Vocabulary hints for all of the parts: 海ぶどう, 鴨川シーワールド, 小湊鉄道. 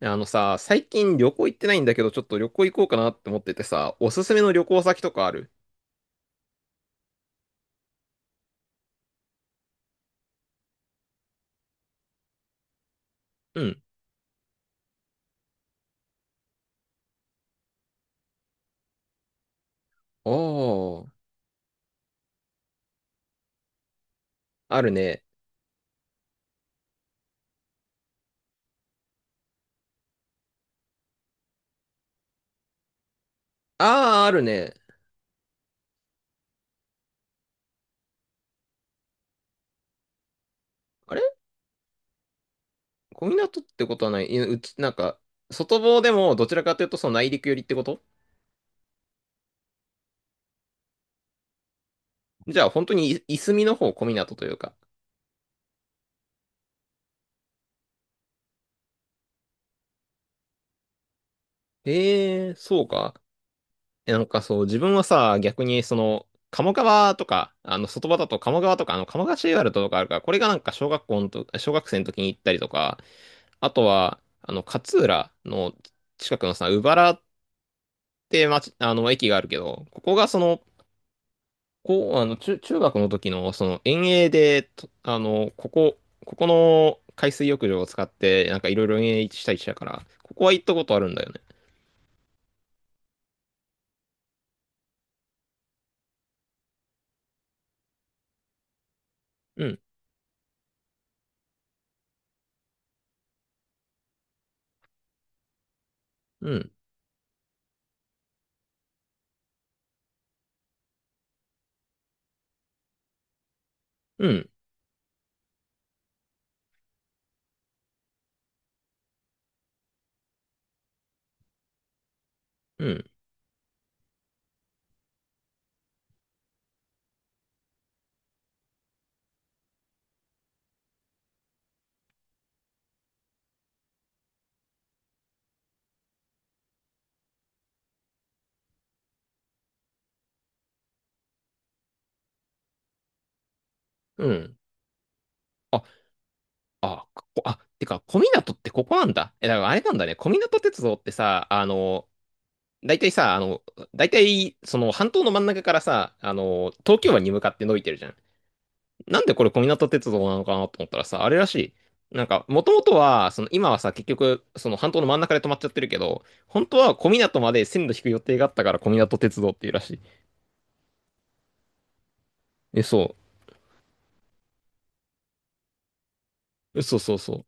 あのさ、最近旅行行ってないんだけど、ちょっと旅行行こうかなって思っててさ、おすすめの旅行先とかある？うん。おー、あるね。あー、あるね。あれ、小湊ってことはない？いや、うち、なんか、外房でもどちらかというとその内陸寄りってこと？じゃあ本当にいすみの方、小湊というか。へー、そうか。なんかそう、自分はさ、逆にその、鴨川とか、外場だと鴨川とか、鴨川シーワールドとかあるから、これがなんか小学生の時に行ったりとか、あとは、勝浦の近くのさ、鵜原って町、駅があるけど、ここがその、こう、中学の時の、その、遠泳で、とここの海水浴場を使って、なんかいろいろ遠泳したりしたから、ここは行ったことあるんだよね。うん、うん、うん、うん、うん。あ、あ、ここ、あ、てか、小湊ってここなんだ。え、だからあれなんだね。小湊鉄道ってさ、大体さ、あの、大体、その半島の真ん中からさ、東京湾に向かって伸びてるじゃん。なんでこれ小湊鉄道なのかなと思ったらさ、あれらしい。なんか、もともとは、その今はさ、結局、その半島の真ん中で止まっちゃってるけど、本当は小湊まで線路引く予定があったから小湊鉄道っていうらしい。え、そう。そうそうそ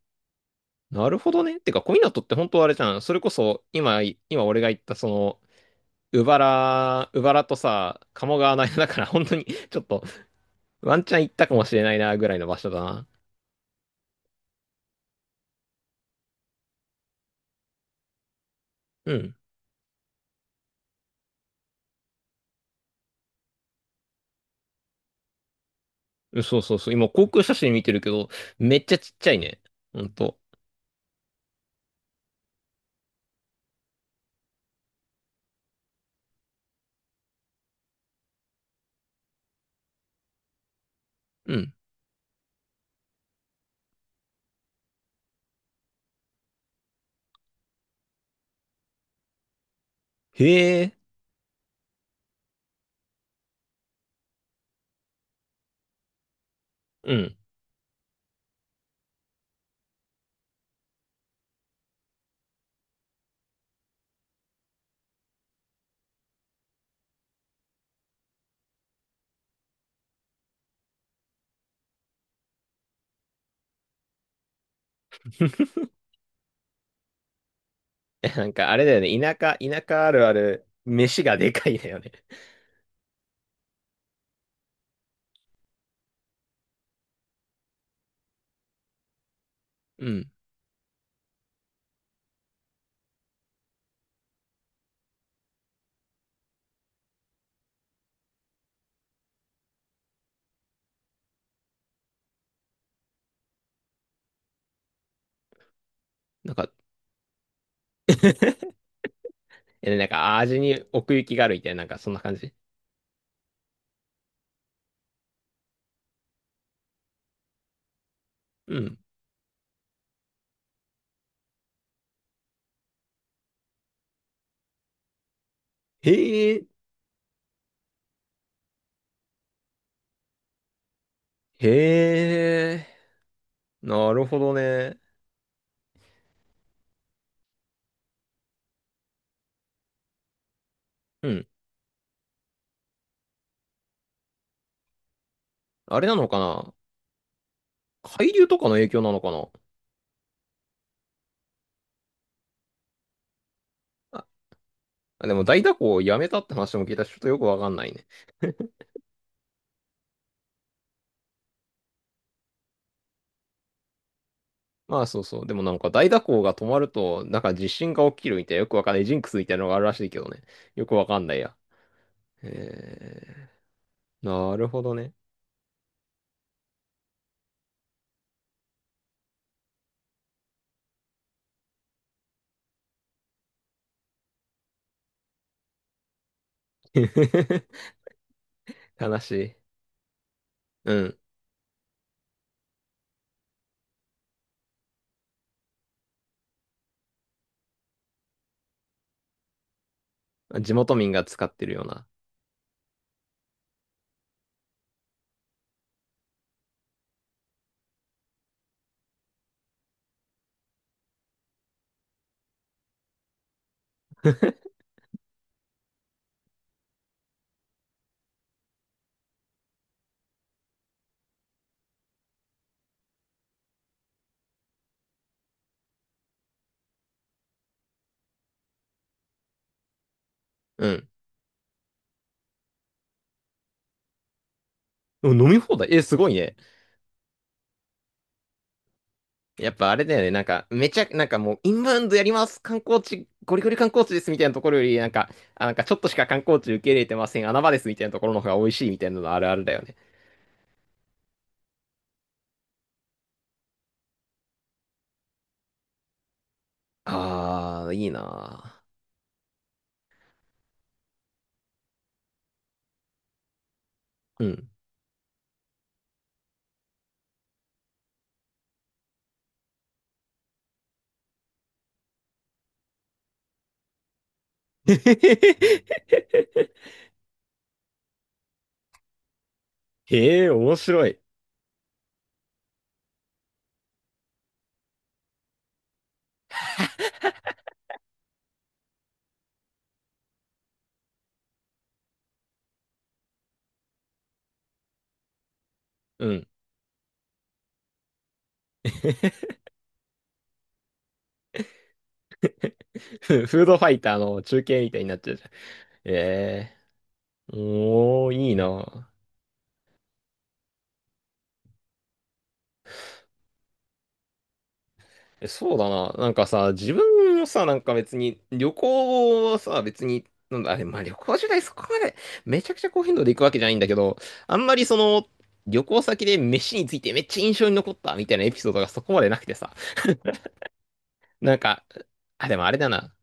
う。なるほどね。てか、小湊って本当はあれじゃん。それこそ、今俺が言ったその、うばら原、うばらとさ、鴨川の間だから、本当に、ちょっと、ワンチャン行ったかもしれないな、ぐらいの場所だな。うん。うん、そうそうそう。今、航空写真見てるけど、めっちゃちっちゃいね。ほんと。うん。へえ。うん。え、なんか、あれだよね。田舎あるある、飯がでかいだよね。うん。なんか なんか、味に奥行きがあるみたいな、なんか、そんな感じ。うん。へえ。へえ。なるほどね。うん。あれなのかな。海流とかの影響なのかな？あ、でも大蛇行をやめたって話も聞いたし、ちょっとよくわかんないね。まあ、そうそう。でもなんか大蛇行が止まると、なんか地震が起きるみたいな、よくわかんないジンクスみたいなのがあるらしいけどね。よくわかんないや。えなるほどね。悲しい。うん。地元民が使ってるような。うん。でも飲み放題、え、すごいね。やっぱあれだよね。なんか、めちゃ、なんかもう、インバウンドやります。観光地、ゴリゴリ観光地ですみたいなところより、なんか、あ、なんかちょっとしか観光地受け入れてません。穴場ですみたいなところの方が美味しいみたいなのあるあるだよね。あー、いいなー。うん。へえ、面白い。うん。フードファイターの中継みたいになっちゃうじゃん。ええ、おー、いいな。え、そうだな。なんかさ、自分もさ、なんか別に、旅行はさ、別に、なんだ、あれ、まあ旅行時代そこまで、めちゃくちゃ高頻度で行くわけじゃないんだけど、あんまりその、旅行先で飯についてめっちゃ印象に残ったみたいなエピソードがそこまでなくてさ、なんか、あ、でもあれだな。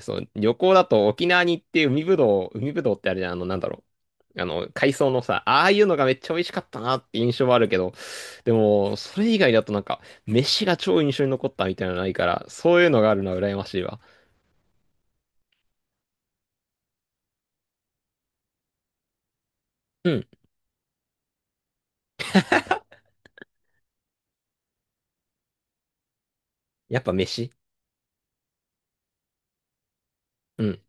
そう、旅行だと沖縄に行って海ぶどう、海ぶどうってあれじゃん、なんだろう。海藻のさ、ああいうのがめっちゃ美味しかったなって印象はあるけど、でも、それ以外だとなんか、飯が超印象に残ったみたいなのないから、そういうのがあるのは羨ましいわ。うん。やっぱ飯。うん。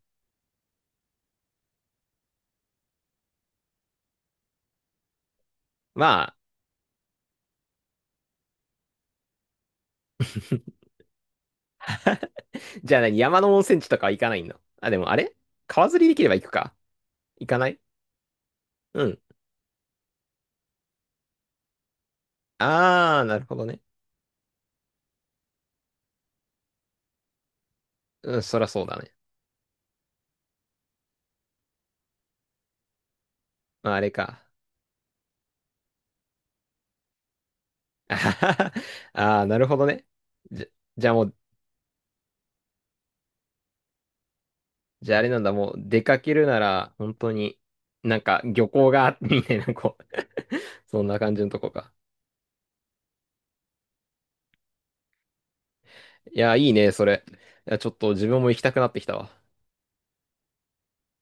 まあ、じゃあ何山の温泉地とかは行かないの？あ、でもあれ、川釣りできれば行くか。行かない。うん。あー、なるほどね。うん、そらそうだね。まあ、あれか。あはははあー、なるほどね。じゃ、じゃあもうじゃああれなんだ、もう出かけるなら、本当に、なんか漁港が、みたいな、こう そんな感じのとこか。いや、いいね、それ。いや、ちょっと自分も行きたくなってきたわ。